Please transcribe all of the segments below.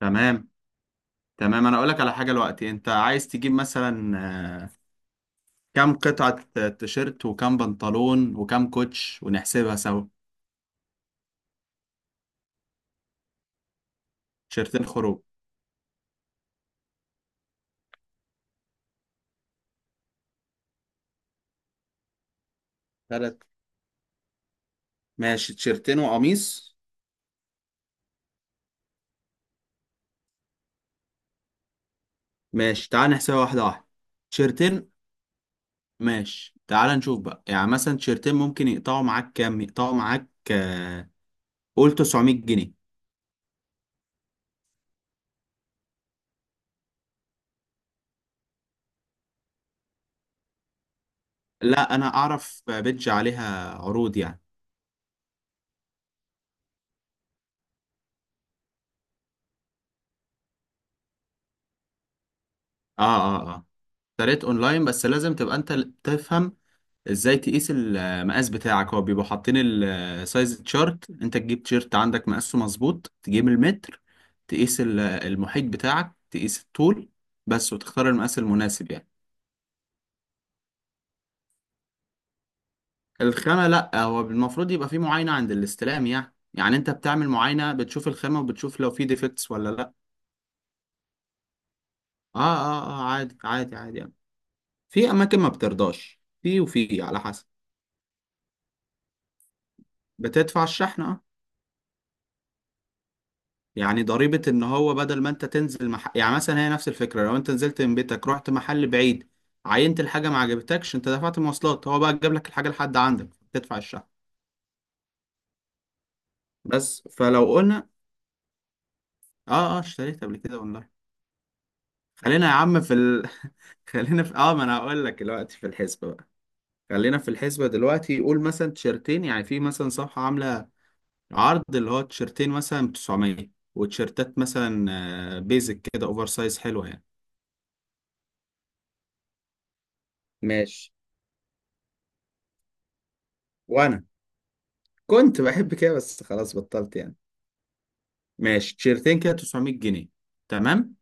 تمام. تمام انا اقول لك على حاجه دلوقتي، انت عايز تجيب مثلا آه، كام قطعه؟ تيشيرت وكام بنطلون وكام كوتش، ونحسبها سوا. تيشيرتين خروج. ثلاث. ماشي، تيشيرتين وقميص. ماشي، تعال نحسبها واحده واحده. تيشيرتين. ماشي، تعال نشوف بقى، يعني مثلا تيشيرتين ممكن يقطعوا معاك كام؟ يقطعوا معاك قول 900 جنيه. لا، انا اعرف، بيدج عليها عروض يعني. اه، اشتريت اونلاين، بس لازم تبقى انت تفهم ازاي تقيس المقاس بتاعك. هو بيبقوا حاطين السايز تشارت، انت تجيب تيشيرت عندك مقاسه مظبوط، تجيب المتر، تقيس المحيط بتاعك، تقيس الطول بس، وتختار المقاس المناسب يعني. الخامة، لا، هو المفروض يبقى في معاينة عند الاستلام، يعني يعني انت بتعمل معاينة، بتشوف الخامة وبتشوف لو في ديفكتس ولا لا. اه، عادي عادي عادي يعني. في اماكن ما بترضاش، في وفي على حسب. بتدفع الشحنة، اه. يعني ضريبة، ان هو بدل ما انت تنزل يعني مثلا هي نفس الفكرة، لو انت نزلت من بيتك رحت محل بعيد، عينت الحاجة ما عجبتكش، انت دفعت مواصلات. هو بقى جاب لك الحاجة لحد عندك، تدفع الشحن. بس فلو قلنا، اه، اشتريت قبل كده اونلاين. خلينا يا عم في خلينا في اه، ما انا هقول لك دلوقتي في الحسبة بقى. خلينا في الحسبة دلوقتي. قول مثلا تيشرتين، يعني في مثلا صفحة عاملة عرض اللي هو تيشرتين مثلا ب 900. وتيشرتات مثلا بيزك كده اوفر سايز حلوة يعني. ماشي. وانا كنت بحب كده، بس خلاص بطلت يعني. ماشي، تيشيرتين كده 900 جنيه. تمام.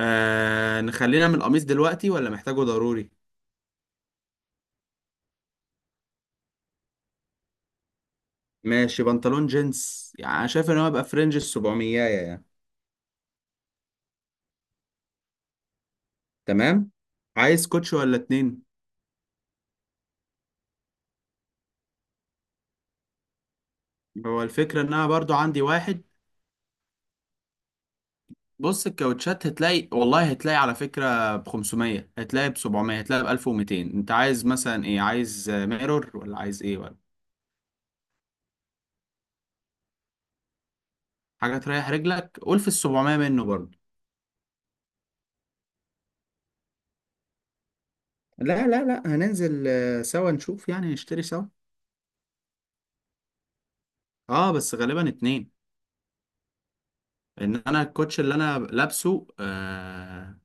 نخلينا من القميص دلوقتي، ولا محتاجه ضروري؟ ماشي. بنطلون جينز يعني انا شايف ان هو يبقى فرنج ال 700 يعني. تمام. عايز كوتش ولا اتنين؟ هو الفكرة ان انا برضو عندي واحد. بص، الكاوتشات هتلاقي، والله هتلاقي على فكرة ب 500، هتلاقي ب 700، هتلاقي ب 1200. انت عايز مثلا ايه؟ عايز ميرور، ولا عايز ايه ولا؟ حاجة تريح رجلك، قول في ال 700 منه برضو. لا، هننزل سوا نشوف، يعني نشتري سوا. اه، بس غالبا اتنين. ان انا الكوتش اللي انا لابسه آه،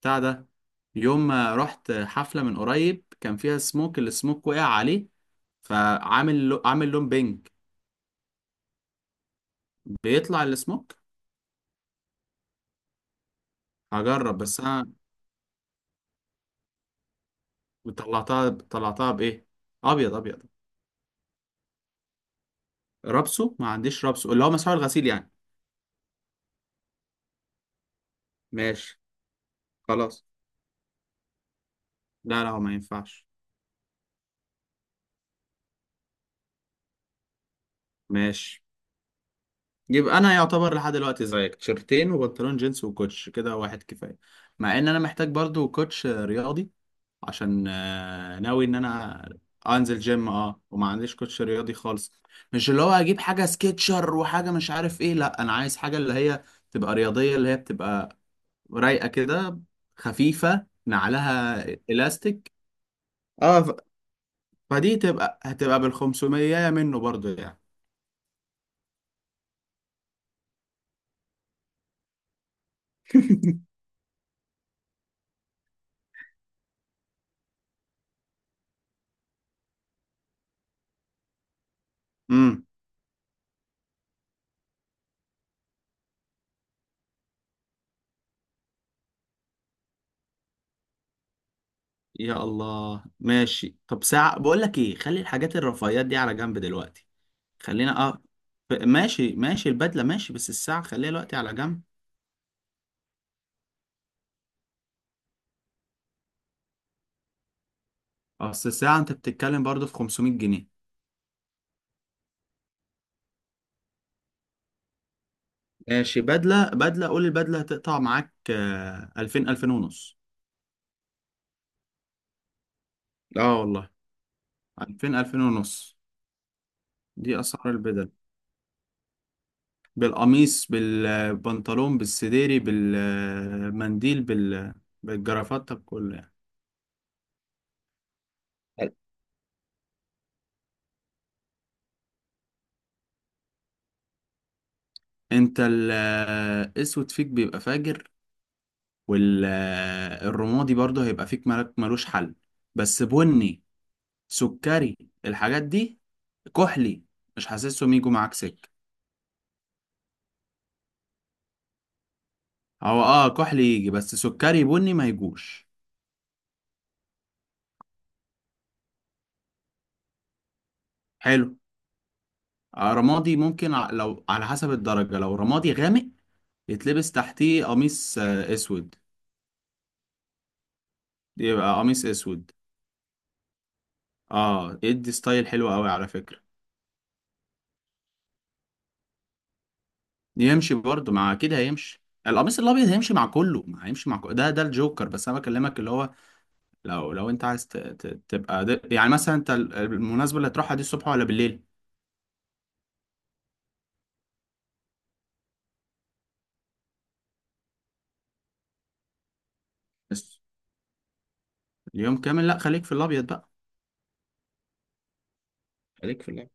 بتاع ده، يوم ما رحت حفلة من قريب كان فيها سموك، السموك وقع عليه، فعامل عامل لون بينك. بيطلع السموك؟ هجرب بس انا. طلعتها. طلعتها بايه؟ ابيض ابيض. رابسه ما عنديش، رابسه اللي هو مسحوق الغسيل يعني. ماشي. خلاص، لا لا، هو ما ينفعش. ماشي. يبقى انا يعتبر لحد دلوقتي زيك، تيشرتين وبنطلون جينز وكوتش كده واحد كفايه. مع ان انا محتاج برضو كوتش رياضي، عشان ناوي ان انا انزل جيم، اه، وما عنديش كوتش رياضي خالص. مش اللي هو اجيب حاجه سكيتشر وحاجه مش عارف ايه، لا، انا عايز حاجه اللي هي تبقى رياضيه، اللي هي بتبقى رايقه كده، خفيفه نعلها، الاستيك. اه ف- فدي تبقى هتبقى بالخمسمية منه برضو يعني. امم. يا الله، ماشي. طب ساعة، بقول لك ايه، خلي الحاجات الرفاهيات دي على جنب دلوقتي. خلينا اه، ماشي ماشي، البدلة ماشي، بس الساعة خليها دلوقتي على جنب. اصل الساعة انت بتتكلم برضه في 500 جنيه. ماشي. بدلة، بدلة، قول البدلة هتقطع معاك 2000، 2000 ونص. اه والله، 2000، 2000 ونص. دي اسعار البدل، بالقميص بالبنطلون بالسديري بالمنديل بال، بالجرافات طب كله يعني. انت الاسود فيك بيبقى فاجر، والرمادي برضه هيبقى فيك ملك ملوش حل. بس بني، سكري، الحاجات دي، كحلي، مش حاسسهم يجوا معاك سكة. هو اه كحلي يجي، بس سكري بني ما يجوش. حلو. رمادي ممكن لو على حسب الدرجة، لو رمادي غامق، يتلبس تحتيه قميص اسود. يبقى قميص اسود. اه، يدي ستايل حلو قوي على فكرة. يمشي برضه مع كده، هيمشي القميص الابيض، هيمشي مع كله. ما هيمشي مع كله، ده ده الجوكر. بس انا بكلمك اللي هو، لو انت عايز تبقى يعني مثلا انت المناسبة اللي هتروحها دي الصبح ولا بالليل؟ بس اليوم كامل، لا، خليك في الابيض بقى. خليك في اللعب.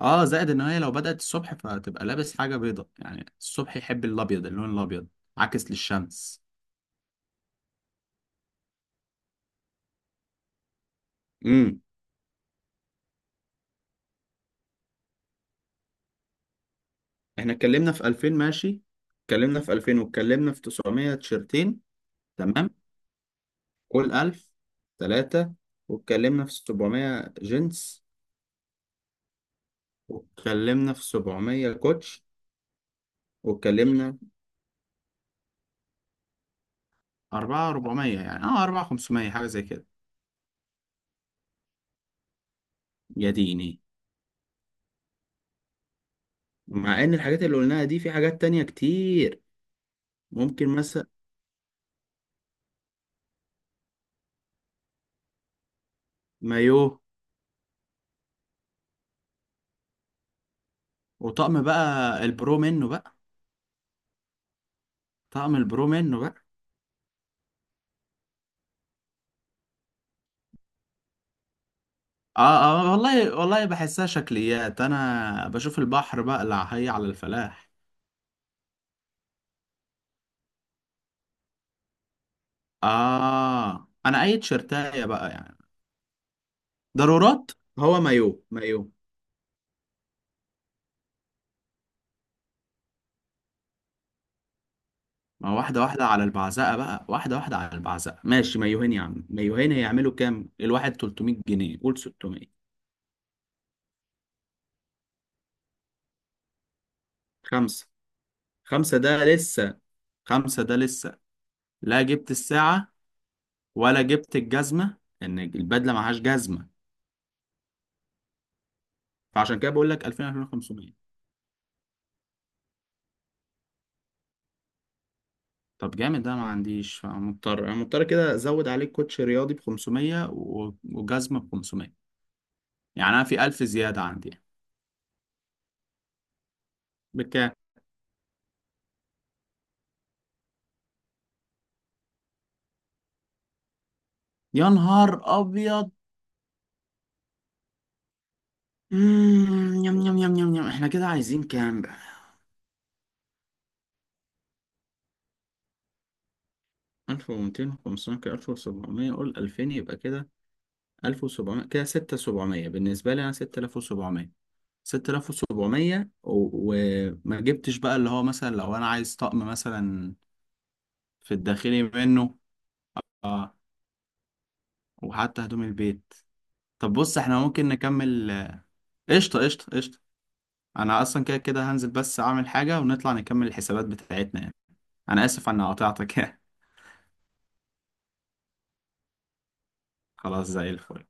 اه، زائد ان هي لو بدأت الصبح، فتبقى لابس حاجة بيضة، يعني الصبح يحب الابيض، اللون الابيض عكس للشمس. امم. احنا اتكلمنا في 2000، ماشي. اتكلمنا في 2000، واتكلمنا في 900 تيشرتين. تمام. كل 1000، ثلاثة. واتكلمنا في 700 جينز. واتكلمنا في 700 كوتش. واتكلمنا، أربعة أربعمية يعني، أه أربعة خمسمية حاجة زي كده. يا ديني. مع إن الحاجات اللي قلناها دي في حاجات تانية كتير. ممكن مثلا مايو، وطقم بقى البرو منه بقى. طقم البرو منه بقى. آه. آه والله والله، بحسها شكليات، أنا بشوف البحر بقى اللي هي على الفلاح. آه، أنا أي تيشرتاية بقى يعني، ضرورات. هو مايو مايو. ما واحدة واحدة على البعزقة بقى، واحدة واحدة على البعزقة. ماشي، مايوهين يا عم، مايوهين هيعملوا كام؟ الواحد 300 جنيه، قول 600. خمسة. خمسة ده لسه. خمسة ده لسه. لا جبت الساعة، ولا جبت الجزمة، إن البدلة معهاش جزمة. فعشان كده بقول لك 2000، 2500. طب جامد ده، ما عنديش. فمضطر، أنا مضطر كده أزود عليك كوتش رياضي ب 500، وجزمة ب 500. يعني أنا في 1000 زيادة عندي يعني. بكام؟ يا نهار أبيض. يم، إحنا كده عايزين كام بقى؟ 1200، 500، كده 1700، قول 2000 يبقى كده. 1700 كده 6700، بالنسبة لي أنا 6700. 6700 وما جبتش بقى اللي هو مثلا لو انا عايز طقم مثلا، في الداخلي منه. اه، وحتى هدوم البيت. طب بص، احنا ممكن نكمل. قشطة قشطة قشطة. انا اصلا كده كده هنزل، بس اعمل حاجة ونطلع نكمل الحسابات بتاعتنا يعني. انا اسف على قطعتك. خلاص، زي الفل.